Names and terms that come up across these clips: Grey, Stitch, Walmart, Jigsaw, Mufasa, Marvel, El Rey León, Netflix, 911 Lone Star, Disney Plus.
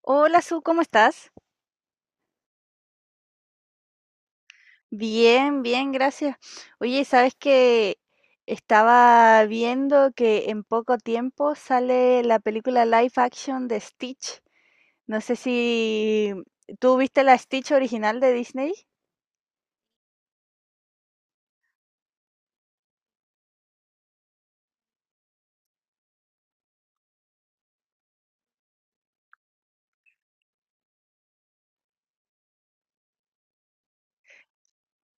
Hola, Su, ¿cómo estás? Bien, bien, gracias. Oye, ¿sabes que? Estaba viendo que en poco tiempo sale la película live action de Stitch. No sé si tú viste la Stitch original de Disney.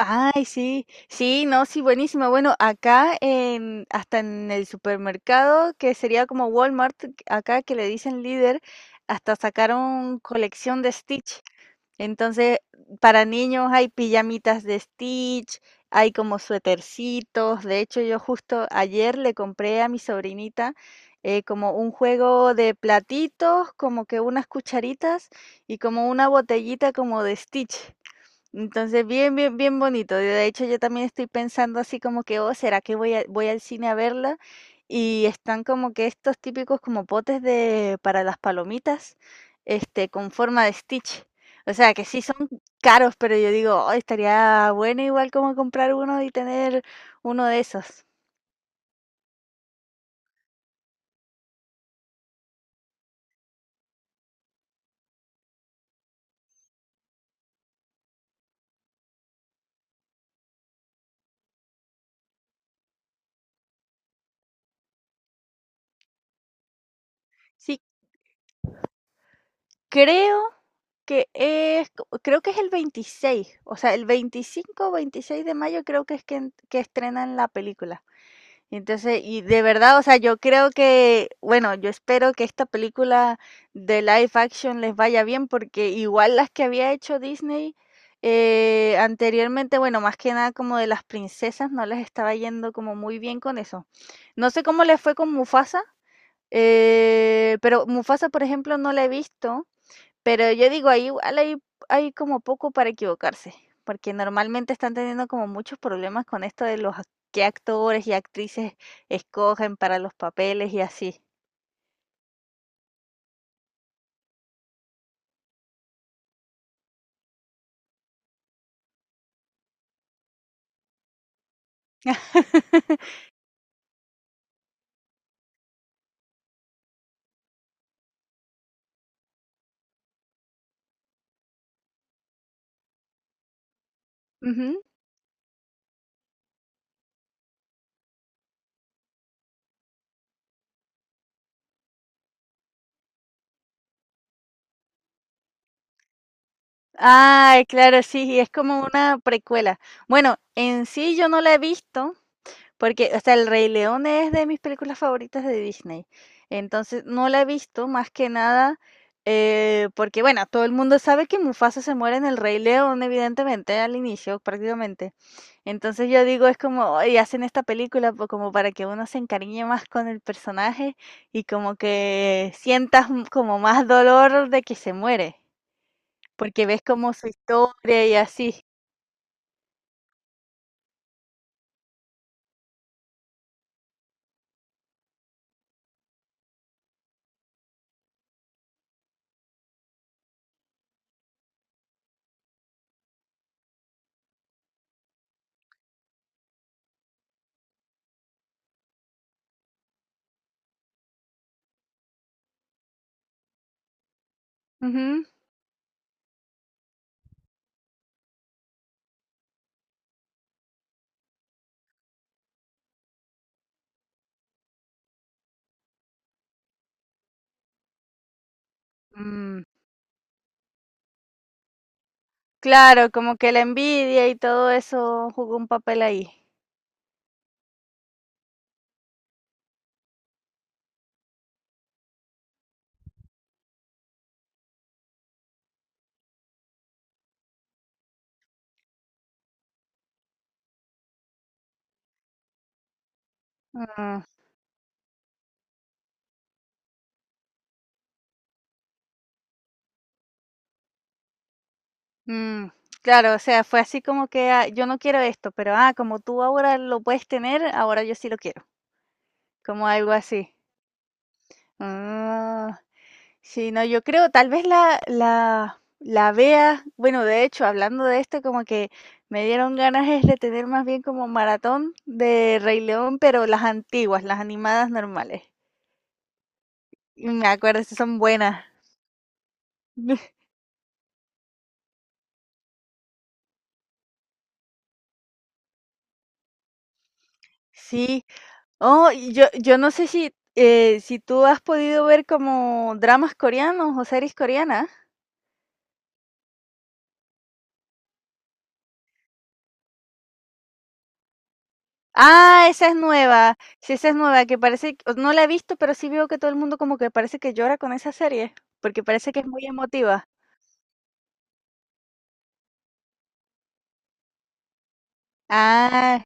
Ay, sí, sí, no, sí, buenísima. Bueno, acá hasta en el supermercado, que sería como Walmart, acá que le dicen líder, hasta sacaron colección de Stitch. Entonces, para niños hay pijamitas de Stitch, hay como suétercitos. De hecho, yo justo ayer le compré a mi sobrinita como un juego de platitos, como que unas cucharitas y como una botellita como de Stitch. Entonces, bien, bien, bien bonito. De hecho, yo también estoy pensando así como que, oh, ¿será que voy al cine a verla? Y están como que estos típicos como potes de para las palomitas, con forma de Stitch. O sea, que sí son caros, pero yo digo, oh, estaría bueno igual como comprar uno y tener uno de esos. Sí, creo creo que es el 26, o sea, el 25 o 26 de mayo creo que es que estrenan la película. Entonces, y de verdad, o sea, yo creo que, bueno, yo espero que esta película de live action les vaya bien, porque igual las que había hecho Disney anteriormente, bueno, más que nada como de las princesas, no les estaba yendo como muy bien con eso. No sé cómo les fue con Mufasa, pero Mufasa, por ejemplo, no la he visto. Pero yo digo, ahí igual hay como poco para equivocarse, porque normalmente están teniendo como muchos problemas con esto de qué actores y actrices escogen para los papeles y así. Ujú. Ah, claro, sí, es como una precuela. Bueno, en sí yo no la he visto, porque, o sea, El Rey León es de mis películas favoritas de Disney. Entonces, no la he visto más que nada porque, bueno, todo el mundo sabe que Mufasa se muere en El Rey León, evidentemente, al inicio prácticamente. Entonces yo digo, es como: "Ay, hacen esta película como para que uno se encariñe más con el personaje y como que sientas como más dolor de que se muere, porque ves como su historia y así". Ujú. Mm. Claro, como que la envidia y todo eso jugó un papel ahí. Mm, mm, claro, o sea, fue así como que, ah, yo no quiero esto, pero ah, como tú ahora lo puedes tener, ahora yo sí lo quiero, como algo así. Ah, sí, no, yo creo, tal vez la vea, bueno, de hecho, hablando de esto, como que me dieron ganas es de tener más bien como maratón de Rey León, pero las antiguas, las animadas normales. Y me acuerdo, esas son buenas. Sí. Oh, y yo no sé si tú has podido ver como dramas coreanos o series coreanas. Ah, esa es nueva. Sí, esa es nueva, que parece que no la he visto, pero sí veo que todo el mundo como que parece que llora con esa serie, porque parece que es muy emotiva. Ah.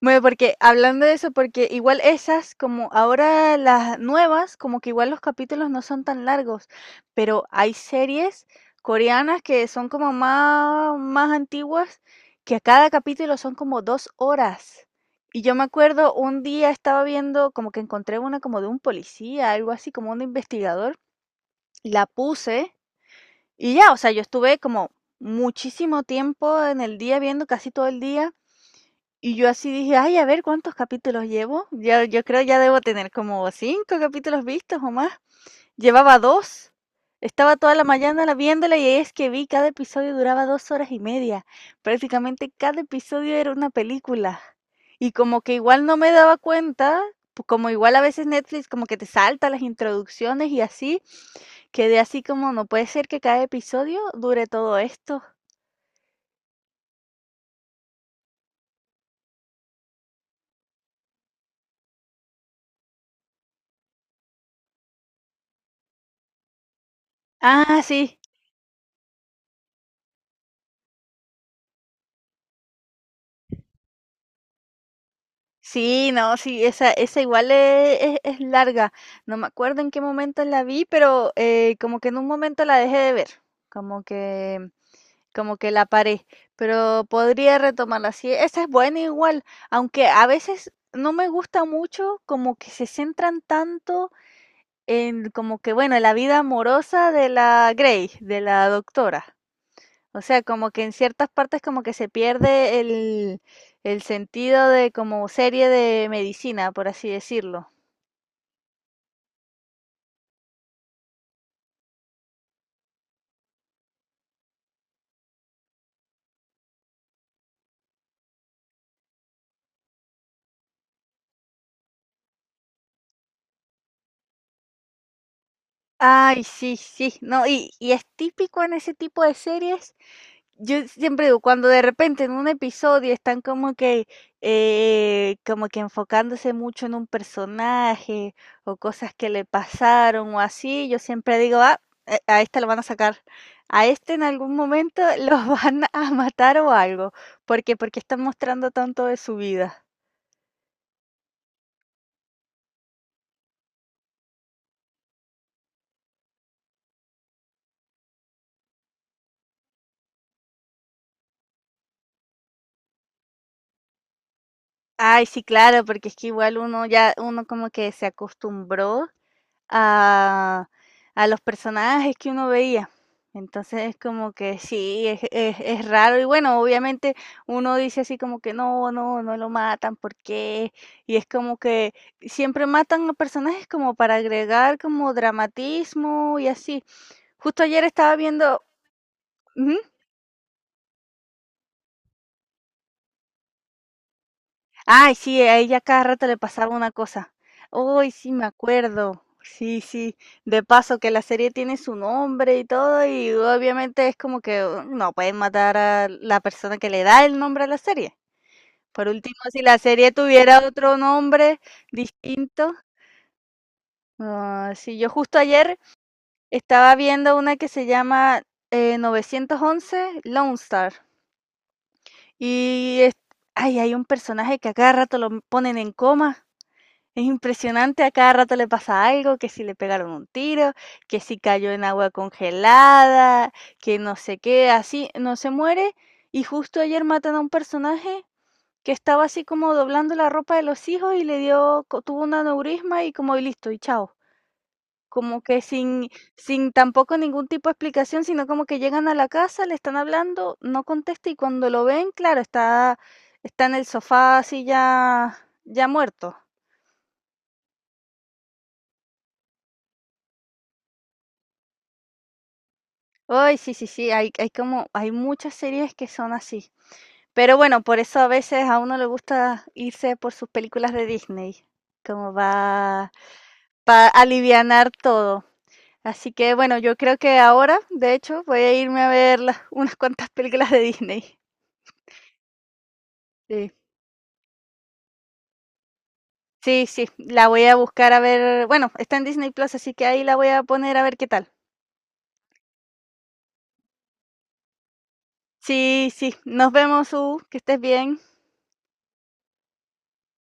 Bueno, porque hablando de eso, porque igual esas, como ahora las nuevas, como que igual los capítulos no son tan largos, pero hay series coreanas que son como más, más antiguas, que a cada capítulo son como dos horas. Y yo me acuerdo un día estaba viendo, como que encontré una como de un policía, algo así, como un investigador, la puse, y ya, o sea, yo estuve como muchísimo tiempo en el día viendo, casi todo el día. Y yo así dije, ay, a ver cuántos capítulos llevo. Ya, yo creo ya debo tener como cinco capítulos vistos o más. Llevaba dos. Estaba toda la mañana viéndola y es que vi cada episodio duraba dos horas y media. Prácticamente cada episodio era una película. Y como que igual no me daba cuenta, como igual a veces Netflix como que te salta las introducciones y así, quedé así como, no puede ser que cada episodio dure todo esto. Ah, sí. Sí, no, sí, esa igual es larga. No me acuerdo en qué momento la vi, pero como que en un momento la dejé de ver, como que, como que la paré, pero podría retomarla. Sí, esa es buena igual, aunque a veces no me gusta mucho, como que se centran tanto en como que, bueno, la vida amorosa de la Grey, de la doctora. O sea, como que en ciertas partes como que se pierde el sentido de como serie de medicina, por así decirlo. Ay, sí, sí, no, y es típico en ese tipo de series yo siempre digo, cuando de repente en un episodio están como que enfocándose mucho en un personaje o cosas que le pasaron o así, yo siempre digo, ah, a este lo van a sacar, a este en algún momento los van a matar o algo, porque están mostrando tanto de su vida. Ay, sí, claro, porque es que igual uno ya, uno como que se acostumbró a a los personajes que uno veía. Entonces es como que sí, es raro. Y bueno, obviamente uno dice así como que no, no, no lo matan, ¿por qué? Y es como que siempre matan a personajes como para agregar como dramatismo y así. Justo ayer estaba viendo, ujú. Ay, sí, a ella cada rato le pasaba una cosa. Uy, sí, me acuerdo. Sí, sí. De paso que la serie tiene su nombre y todo, y obviamente es como que no pueden matar a la persona que le da el nombre a la serie. Por último, si la serie tuviera otro nombre distinto. Ah, sí, yo justo ayer estaba viendo una que se llama 911 Lone Star. Y es- Ay, hay un personaje que a cada rato lo ponen en coma. Es impresionante, a cada rato le pasa algo, que si le pegaron un tiro, que si cayó en agua congelada, que no sé qué, así, no se muere. Y justo ayer matan a un personaje que estaba así como doblando la ropa de los hijos y le dio, tuvo un aneurisma y como y listo, y chao. Como que sin tampoco ningún tipo de explicación, sino como que llegan a la casa, le están hablando, no contesta y cuando lo ven, claro, está en el sofá así ya, ya muerto. Ay, sí, sí, sí, hay como hay muchas series que son así. Pero bueno, por eso a veces a uno le gusta irse por sus películas de Disney, como va para alivianar todo. Así que bueno, yo creo que ahora, de hecho, voy a irme a ver las unas cuantas películas de Disney. Sí. Sí, sí, la voy a buscar a ver, bueno, está en Disney Plus, así que ahí la voy a poner a ver qué tal. Sí, sí, nos vemos, U, que estés bien.